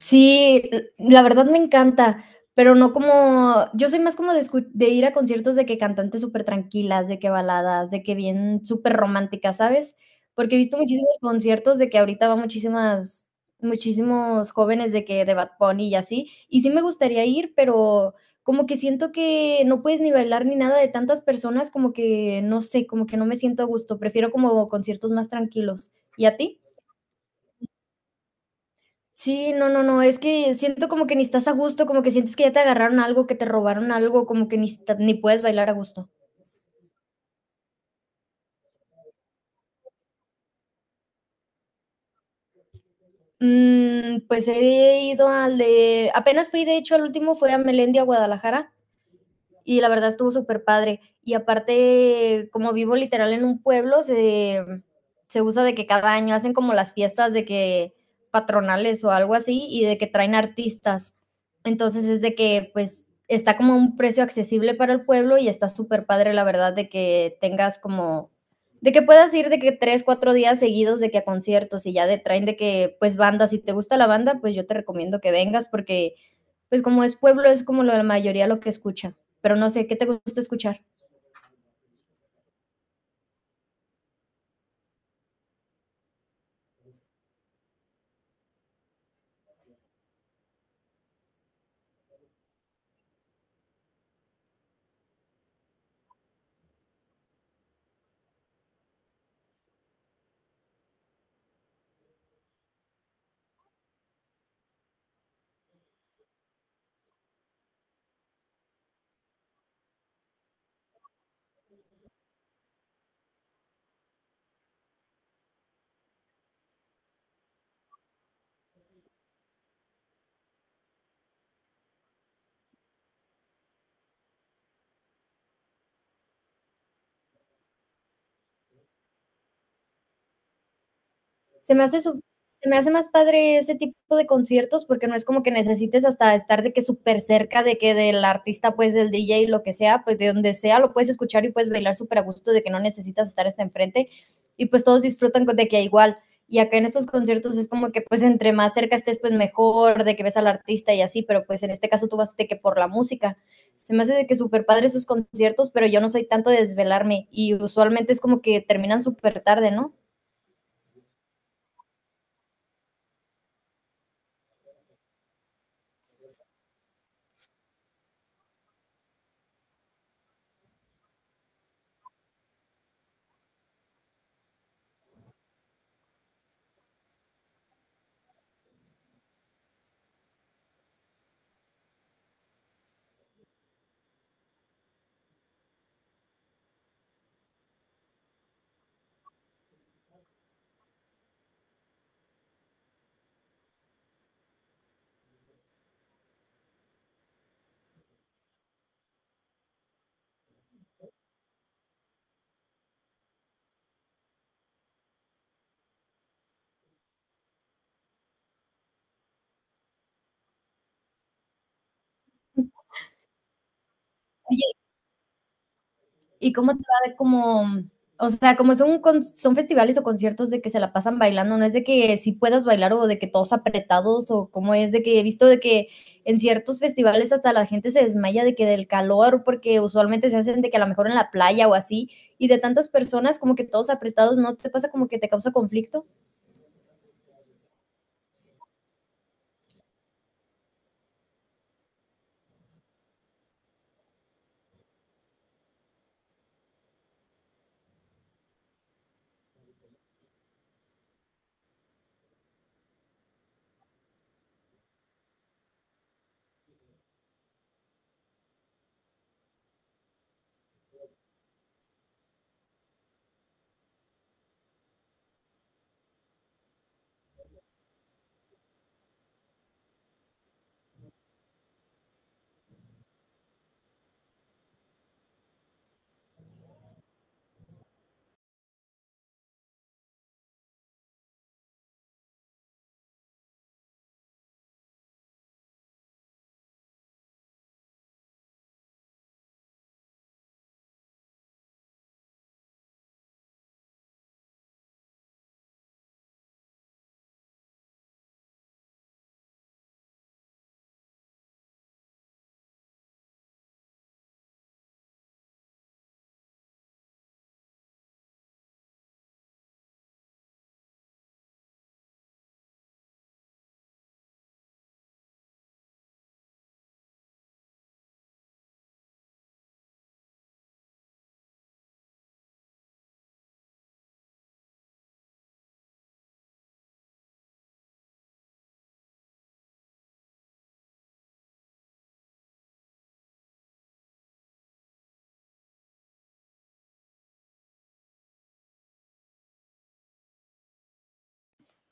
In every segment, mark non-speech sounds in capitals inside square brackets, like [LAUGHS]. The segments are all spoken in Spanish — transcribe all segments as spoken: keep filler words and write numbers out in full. Sí, la verdad me encanta, pero no como yo soy más como de, escu- de ir a conciertos de que cantantes súper tranquilas, de que baladas, de que bien súper románticas, ¿sabes? Porque he visto muchísimos conciertos de que ahorita va muchísimas, muchísimos jóvenes de que de Bad Bunny y así, y sí me gustaría ir, pero como que siento que no puedes ni bailar ni nada de tantas personas, como que no sé, como que no me siento a gusto, prefiero como conciertos más tranquilos. ¿Y a ti? Sí, no, no, no, es que siento como que ni estás a gusto, como que sientes que ya te agarraron algo, que te robaron algo, como que ni, esta- ni puedes bailar a gusto. Mm, pues he ido al de, apenas fui, de hecho, al último fue a Melendi, a Guadalajara, y la verdad estuvo súper padre. Y aparte, como vivo literal en un pueblo, se, se usa de que cada año hacen como las fiestas de que patronales o algo así y de que traen artistas. Entonces es de que pues está como a un precio accesible para el pueblo y está súper padre la verdad de que tengas como de que puedas ir de que tres, cuatro días seguidos de que a conciertos y ya de traen de que pues bandas, si te gusta la banda, pues yo te recomiendo que vengas porque pues como es pueblo, es como la mayoría lo que escucha, pero no sé, ¿qué te gusta escuchar? Se me hace su Se me hace más padre ese tipo de conciertos porque no es como que necesites hasta estar de que súper cerca de que del artista, pues del D J, lo que sea, pues de donde sea, lo puedes escuchar y puedes bailar súper a gusto de que no necesitas estar hasta enfrente y pues todos disfrutan con- de que igual. Y acá en estos conciertos es como que pues entre más cerca estés pues mejor, de que ves al artista y así, pero pues en este caso tú vas de que por la música. Se me hace de que súper padre esos conciertos, pero yo no soy tanto de desvelarme y usualmente es como que terminan súper tarde, ¿no? ¿Y cómo te va de como, o sea, como son, con- son festivales o conciertos de que se la pasan bailando, no es de que si puedas bailar o de que todos apretados o cómo es de que he visto de que en ciertos festivales hasta la gente se desmaya de que del calor, porque usualmente se hacen de que a lo mejor en la playa o así, y de tantas personas como que todos apretados, ¿no te pasa como que te causa conflicto?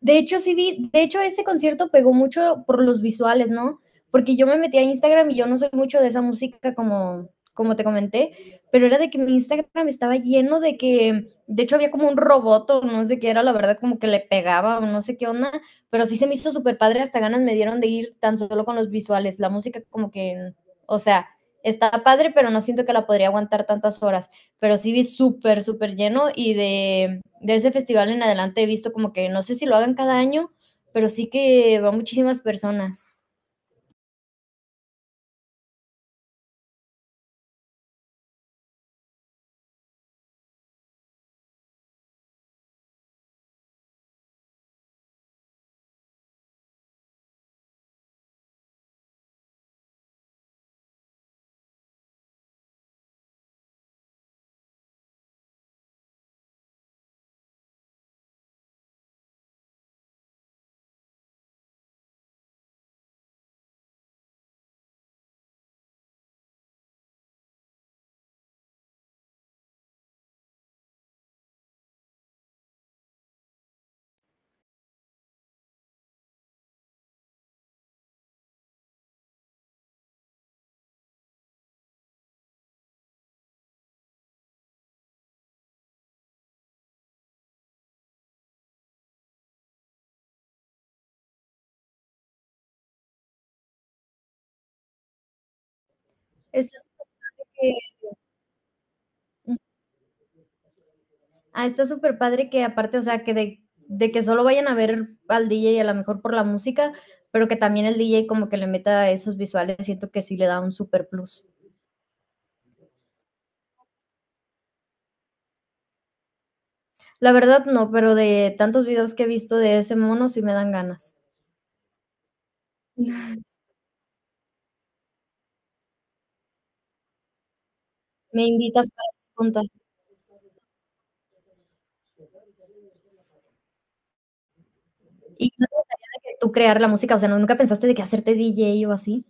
De hecho, sí vi, de hecho, ese concierto pegó mucho por los visuales, ¿no? Porque yo me metí a Instagram y yo no soy mucho de esa música como, como te comenté, pero era de que mi Instagram estaba lleno de que, de hecho, había como un robot o no sé qué era, la verdad, como que le pegaba o no sé qué onda, pero sí se me hizo súper padre, hasta ganas me dieron de ir tan solo con los visuales, la música como que, o sea, está padre, pero no siento que la podría aguantar tantas horas pero sí vi súper, súper lleno y de, de, ese festival en adelante he visto como que no sé si lo hagan cada año, pero sí que van muchísimas personas. Está súper que- ah, Está super padre que aparte, o sea, que de, de, que solo vayan a ver al D J a lo mejor por la música, pero que también el D J como que le meta esos visuales, siento que sí le da un super plus. La verdad no, pero de tantos videos que he visto de ese mono sí me dan ganas. [LAUGHS] Me invitas para preguntas. ¿Y tú crear la música? O sea, ¿no, ¿nunca pensaste de que hacerte D J o así?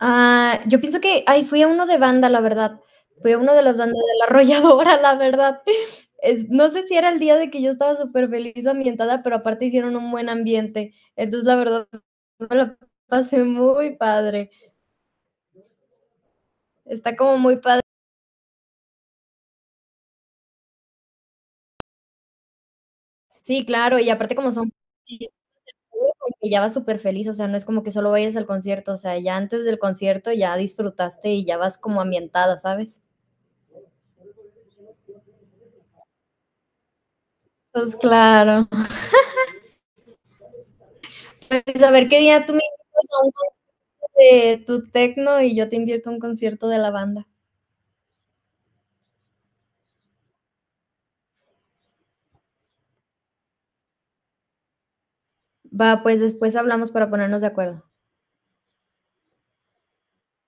Ah, yo pienso que, ay, fui a uno de banda, la verdad. Fui a uno de las bandas de la arrolladora, la verdad. Es- no sé si era el día de que yo estaba súper feliz o ambientada, pero aparte hicieron un buen ambiente. Entonces, la verdad, me la pasé muy padre. Está como muy padre. Sí, claro, y aparte como son que ya vas súper feliz, o sea, no es como que solo vayas al concierto, o sea, ya antes del concierto ya disfrutaste y ya vas como ambientada, ¿sabes? Pues claro. Pues a ver qué día tú me invitas a un concierto de tu tecno y yo te invierto a un concierto de la banda. Va, pues después hablamos para ponernos de acuerdo.